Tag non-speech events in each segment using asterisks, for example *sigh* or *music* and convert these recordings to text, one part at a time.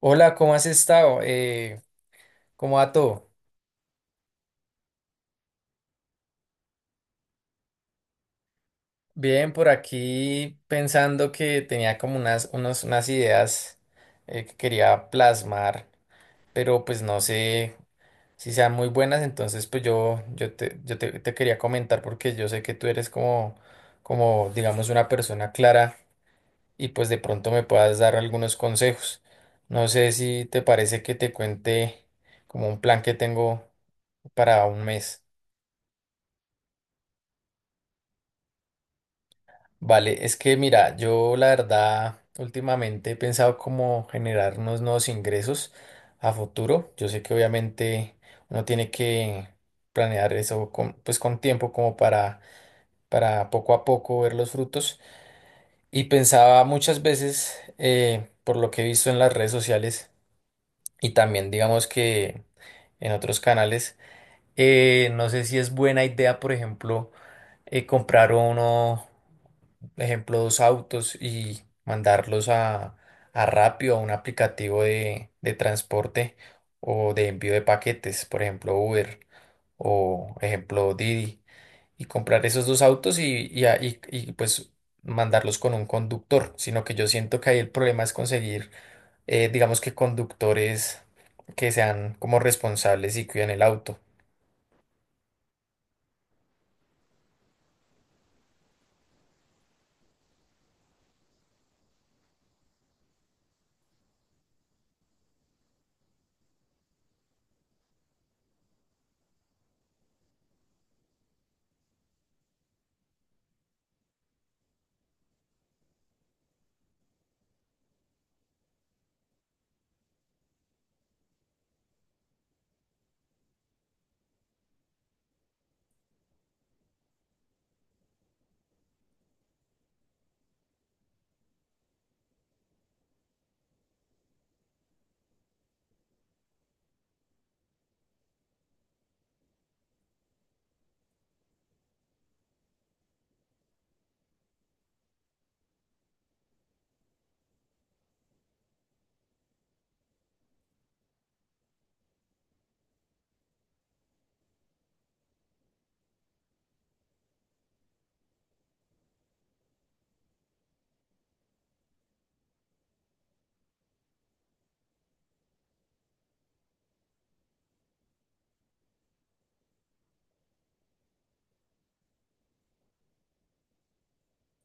Hola, ¿cómo has estado? ¿Cómo va todo? Bien, por aquí pensando que tenía como unas ideas que quería plasmar, pero pues no sé si sean muy buenas, entonces pues te quería comentar porque yo sé que tú eres como digamos, una persona clara y pues de pronto me puedas dar algunos consejos. No sé si te parece que te cuente como un plan que tengo para un mes. Vale, es que mira, yo la verdad últimamente he pensado cómo generar unos nuevos ingresos a futuro. Yo sé que obviamente uno tiene que planear eso con, pues con tiempo como para poco a poco ver los frutos. Y pensaba muchas veces, por lo que he visto en las redes sociales y también digamos que en otros canales, no sé si es buena idea, por ejemplo, comprar uno, ejemplo, dos autos y mandarlos a Rappi o a un aplicativo de transporte o de envío de paquetes, por ejemplo, Uber o ejemplo Didi, y comprar esos dos autos y, pues mandarlos con un conductor, sino que yo siento que ahí el problema es conseguir, digamos que conductores que sean como responsables y cuiden el auto.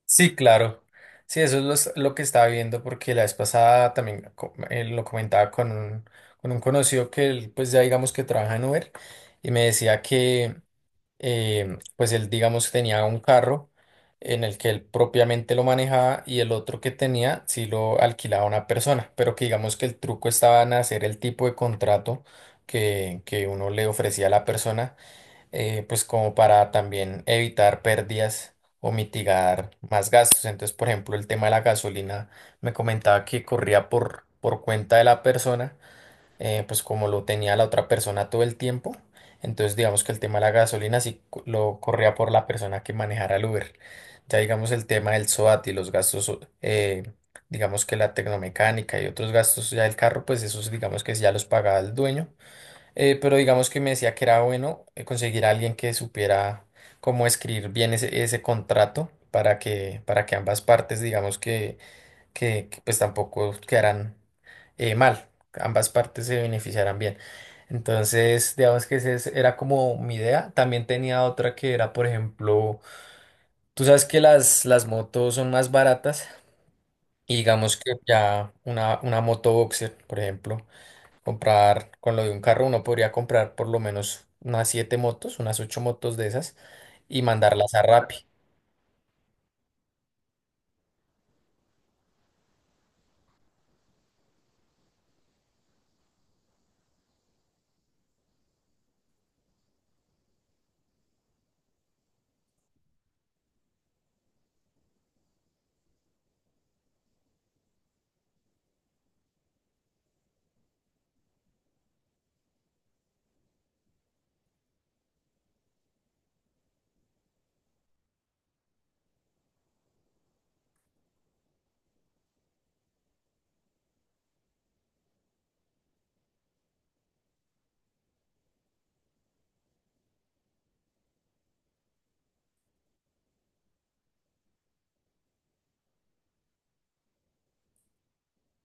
Sí, claro. Sí, eso es lo que estaba viendo porque la vez pasada también lo comentaba con con un conocido que él, pues ya digamos que trabaja en Uber y me decía que pues él digamos tenía un carro en el que él propiamente lo manejaba y el otro que tenía sí lo alquilaba a una persona, pero que digamos que el truco estaba en hacer el tipo de contrato que uno le ofrecía a la persona pues como para también evitar pérdidas o mitigar más gastos. Entonces, por ejemplo, el tema de la gasolina, me comentaba que corría por cuenta de la persona, pues como lo tenía la otra persona todo el tiempo. Entonces, digamos que el tema de la gasolina sí lo corría por la persona que manejara el Uber. Ya digamos el tema del SOAT y los gastos, digamos que la tecnomecánica y otros gastos ya del carro, pues esos digamos que sí ya los pagaba el dueño pero digamos que me decía que era bueno conseguir a alguien que supiera cómo escribir bien ese contrato para para que ambas partes, digamos que pues tampoco quedaran mal, ambas partes se beneficiaran bien. Entonces, digamos que era como mi idea. También tenía otra que era, por ejemplo, tú sabes que las motos son más baratas y digamos que ya una moto boxer, por ejemplo comprar con lo de un carro, uno podría comprar por lo menos unas siete motos, unas ocho motos de esas y mandarlas a Rappi.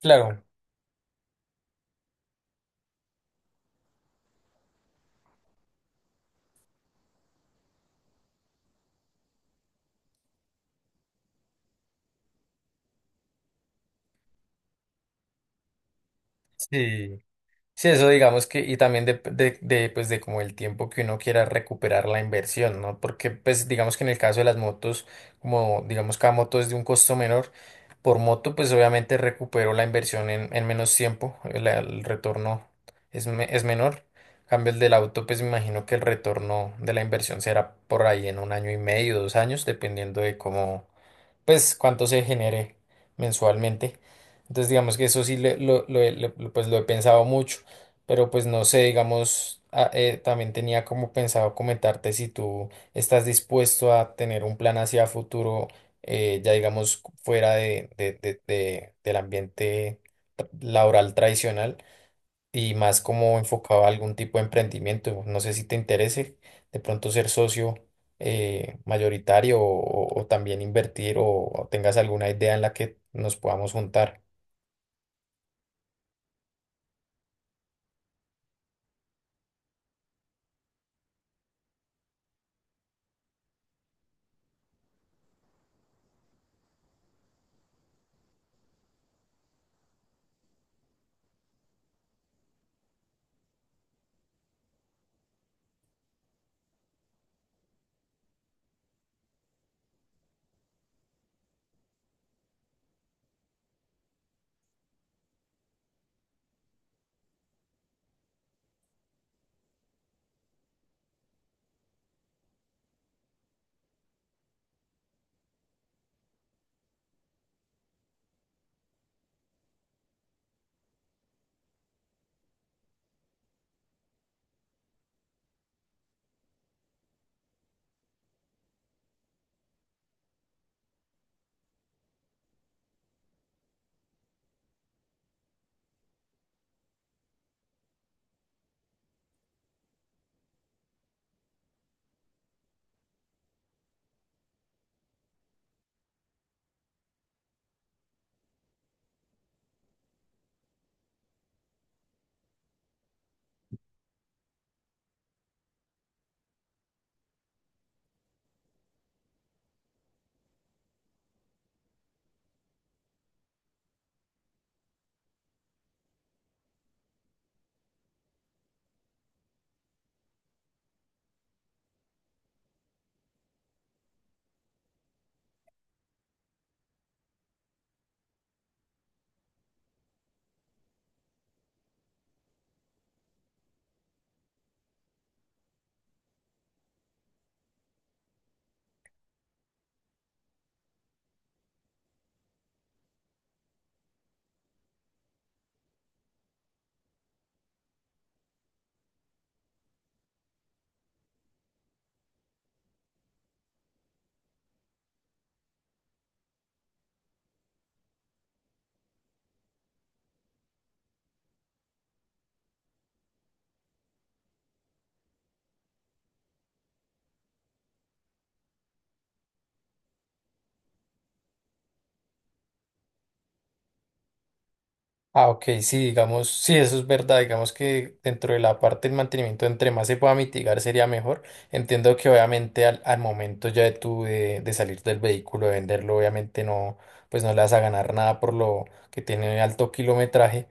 Claro, sí, sí, eso digamos que, y también pues de como el tiempo que uno quiera recuperar la inversión, ¿no? Porque pues digamos que en el caso de las motos, como digamos cada moto es de un costo menor, por moto pues obviamente recupero la inversión en menos tiempo, el retorno es, es menor. En cambio el del auto, pues me imagino que el retorno de la inversión será por ahí en un año y medio, dos años, dependiendo de cómo pues cuánto se genere mensualmente. Entonces digamos que eso sí le- lo he- lo- pues lo he pensado mucho, pero pues no sé, digamos, ah, también tenía como pensado comentarte si tú estás dispuesto a tener un plan hacia futuro, ya digamos fuera del ambiente laboral tradicional y más como enfocado a algún tipo de emprendimiento. No sé si te interese de pronto ser socio mayoritario o también invertir o tengas alguna idea en la que nos podamos juntar. Ah, ok, sí, digamos, sí, eso es verdad, digamos que dentro de la parte del mantenimiento, entre más se pueda mitigar, sería mejor. Entiendo que obviamente al momento ya de tú de salir del vehículo, de venderlo, obviamente no, pues no le vas a ganar nada por lo que tiene alto kilometraje.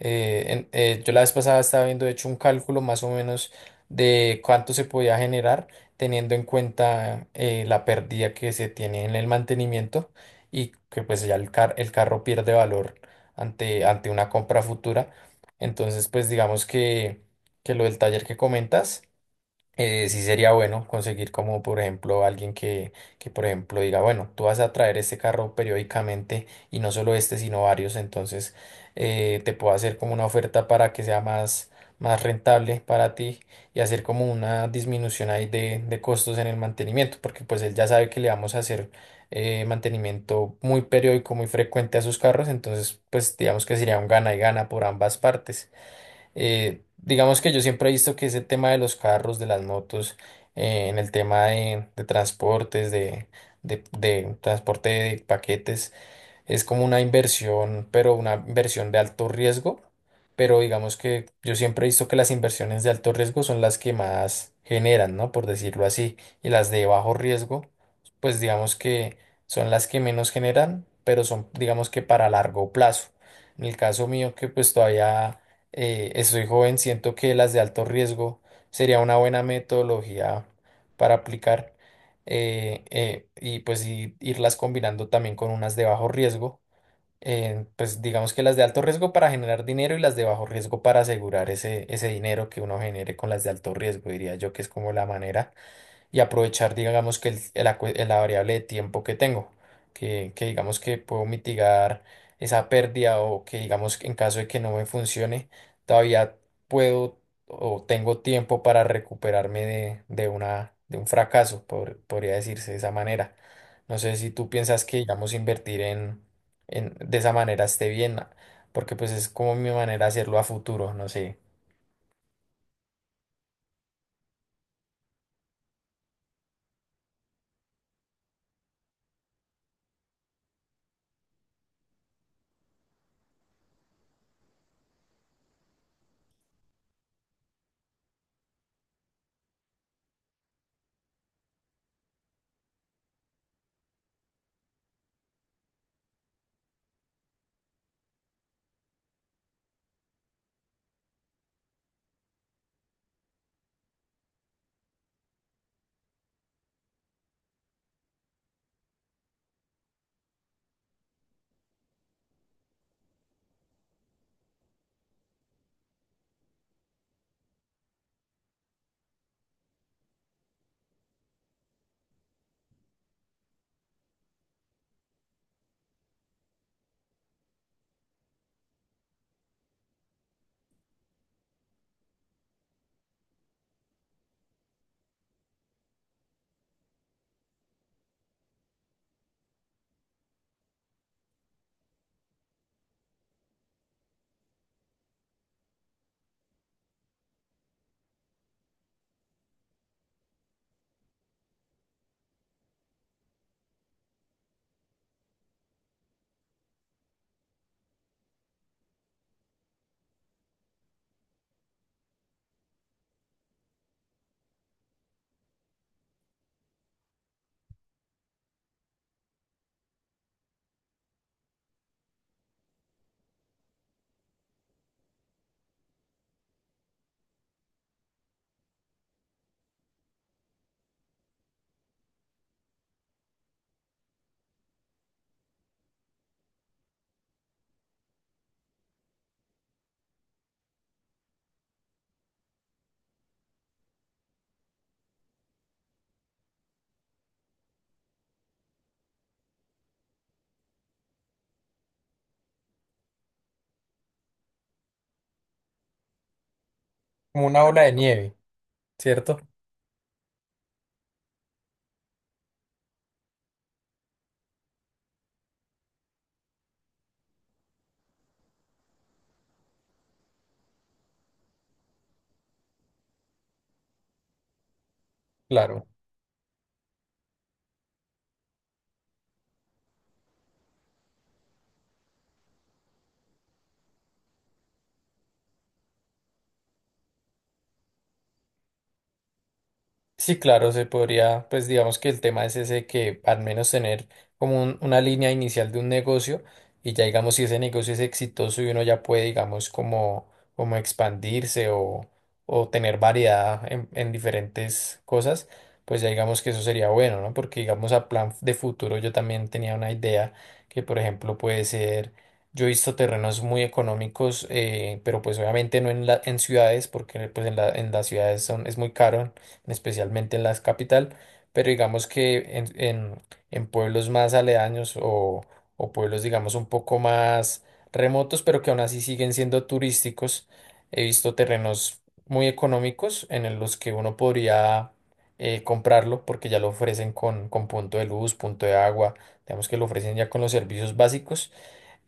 Yo la vez pasada estaba viendo, de hecho, un cálculo más o menos de cuánto se podía generar teniendo en cuenta la pérdida que se tiene en el mantenimiento y que pues ya el el carro pierde valor ante una compra futura. Entonces, pues digamos que lo del taller que comentas sí sería bueno conseguir como por ejemplo alguien que por ejemplo diga, bueno, tú vas a traer este carro periódicamente y no solo este, sino varios, entonces te puedo hacer como una oferta para que sea más, más rentable para ti y hacer como una disminución ahí de costos en el mantenimiento, porque pues él ya sabe que le vamos a hacer mantenimiento muy periódico, muy frecuente a sus carros, entonces pues digamos que sería un gana y gana por ambas partes. Digamos que yo siempre he visto que ese tema de los carros, de las motos, en el tema de transporte de paquetes, es como una inversión, pero una inversión de alto riesgo. Pero digamos que yo siempre he visto que las inversiones de alto riesgo son las que más generan, ¿no? Por decirlo así. Y las de bajo riesgo, pues digamos que son las que menos generan, pero son, digamos que para largo plazo. En el caso mío, que pues todavía estoy joven, siento que las de alto riesgo sería una buena metodología para aplicar y pues irlas combinando también con unas de bajo riesgo. Pues digamos que las de alto riesgo para generar dinero y las de bajo riesgo para asegurar ese dinero que uno genere con las de alto riesgo, diría yo que es como la manera y aprovechar, digamos, que la variable de tiempo que tengo, que digamos que puedo mitigar esa pérdida o que digamos que en caso de que no me funcione, todavía puedo o tengo tiempo para recuperarme de un fracaso, podría decirse de esa manera. No sé si tú piensas que, digamos, invertir de esa manera esté bien, porque pues es como mi manera de hacerlo a futuro, no sé, como una bola de nieve, ¿cierto? Claro. Sí, claro, se podría, pues digamos que el tema es ese que al menos tener como una línea inicial de un negocio y ya digamos si ese negocio es exitoso y uno ya puede digamos como expandirse o tener variedad en diferentes cosas, pues ya digamos que eso sería bueno, ¿no? Porque digamos a plan de futuro yo también tenía una idea que por ejemplo puede ser, yo he visto terrenos muy económicos, pero pues obviamente no en ciudades porque pues en en las ciudades son, es muy caro especialmente en la capital, pero digamos que en pueblos más aledaños o pueblos, digamos, un poco más remotos, pero que aún así siguen siendo turísticos, he visto terrenos muy económicos en los que uno podría comprarlo porque ya lo ofrecen con punto de luz, punto de agua, digamos que lo ofrecen ya con los servicios básicos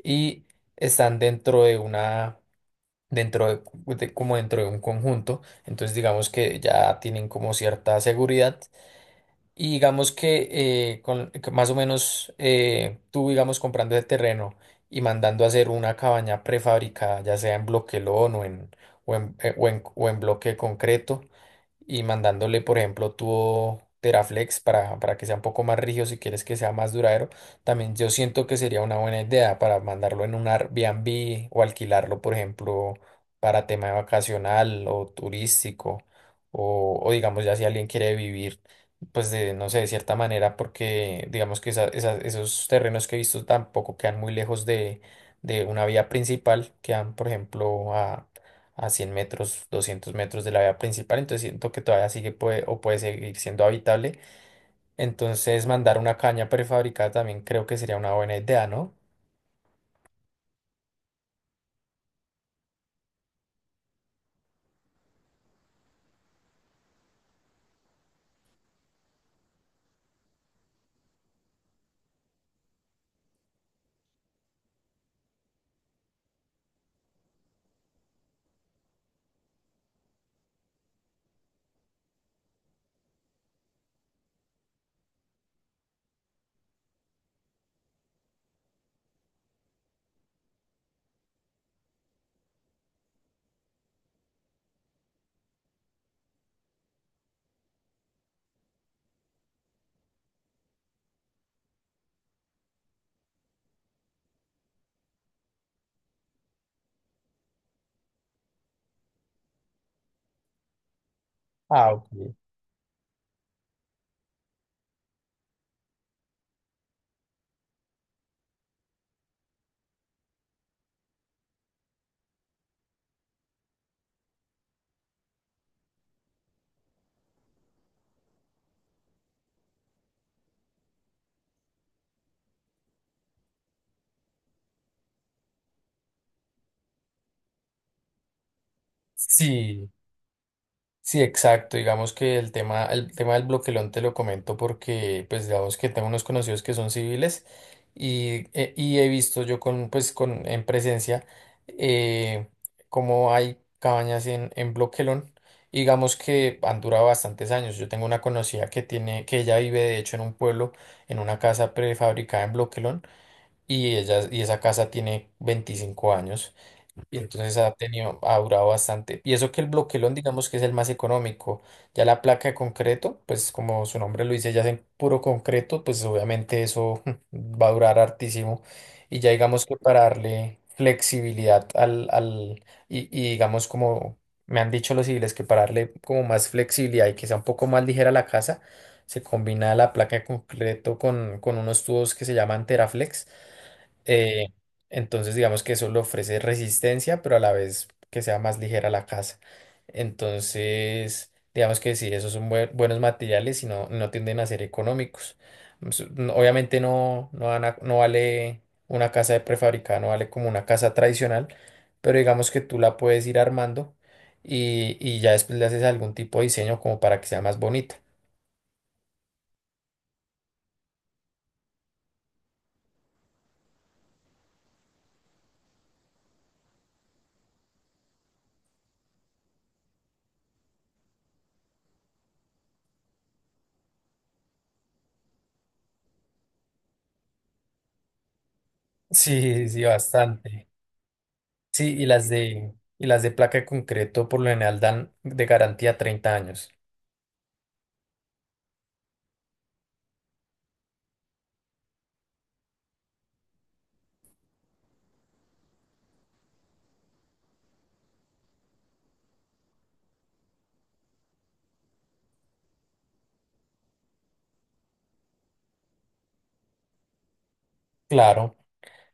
y están dentro de una dentro de, como dentro de un conjunto, entonces digamos que ya tienen como cierta seguridad y digamos que que más o menos tú digamos comprando el terreno y mandando a hacer una cabaña prefabricada, ya sea en bloquelón o en bloque de concreto, y mandándole, por ejemplo, tubo Teraflex para que sea un poco más rígido si quieres que sea más duradero, también yo siento que sería una buena idea para mandarlo en un Airbnb o alquilarlo, por ejemplo, para tema vacacional o turístico o digamos ya si alguien quiere vivir. Pues de, no sé, de cierta manera, porque digamos que esos terrenos que he visto tampoco quedan muy lejos de una vía principal, quedan, por ejemplo, a 100 metros, 200 metros de la vía principal, entonces siento que todavía sigue puede, o puede seguir siendo habitable. Entonces mandar una caña prefabricada también creo que sería una buena idea, ¿no? Ah, ok. Sí. Sí, exacto. Digamos que el tema del bloquelón te lo comento porque, pues, digamos que tengo unos conocidos que son civiles y he visto yo en presencia eh, cómo hay cabañas en bloquelón. Y digamos que han durado bastantes años. Yo tengo una conocida que tiene, que ella vive de hecho en un pueblo, en una casa prefabricada en bloquelón y ella, y esa casa tiene 25 años. Y entonces ha tenido, ha durado bastante. Y eso que el bloquelón, digamos que es el más económico. Ya la placa de concreto, pues como su nombre lo dice, ya es en puro concreto, pues obviamente eso *laughs* va a durar hartísimo. Y ya digamos que para darle flexibilidad al, al y digamos como me han dicho los civiles, que para darle como más flexibilidad y que sea un poco más ligera la casa, se combina la placa de concreto con unos tubos que se llaman Teraflex eh, entonces, digamos que eso le ofrece resistencia, pero a la vez que sea más ligera la casa. Entonces, digamos que sí, esos son buenos materiales y no, no tienden a ser económicos. Mm, obviamente no, no vale una casa de prefabricada, no vale como una casa tradicional, pero digamos que tú la puedes ir armando y ya después le haces algún tipo de diseño como para que sea más bonita. Sí, sí, bastante. Sí, y y las de placa de concreto por lo general dan de garantía 30 años. Claro,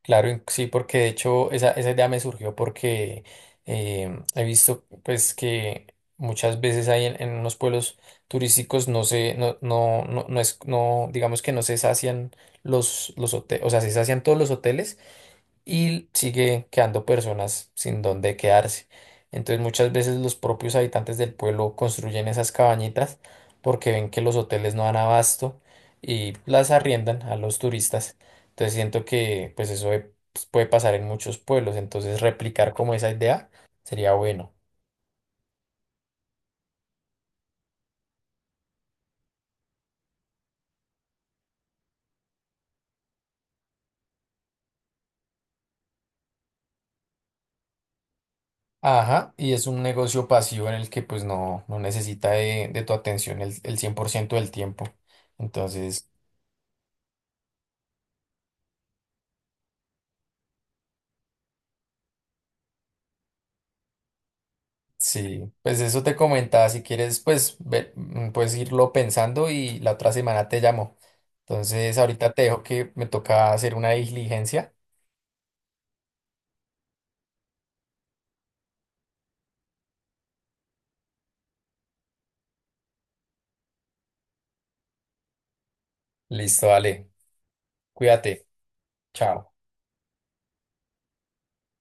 claro, sí, porque de hecho esa idea me surgió porque he visto pues que muchas veces hay en unos pueblos turísticos no se, no, no, no, no es, no, digamos que no se sacian los hoteles, o sea, se sacian todos los hoteles, y sigue quedando personas sin dónde quedarse. Entonces muchas veces los propios habitantes del pueblo construyen esas cabañitas porque ven que los hoteles no dan abasto y las arriendan a los turistas. Entonces siento que pues eso pues, puede pasar en muchos pueblos, entonces replicar como esa idea sería bueno. Ajá, y es un negocio pasivo en el que pues no, no necesita de tu atención el 100% del tiempo. Entonces... Sí, pues eso te comentaba, si quieres, pues puedes irlo pensando y la otra semana te llamo. Entonces, ahorita te dejo que me toca hacer una diligencia. Listo, dale, cuídate, chao.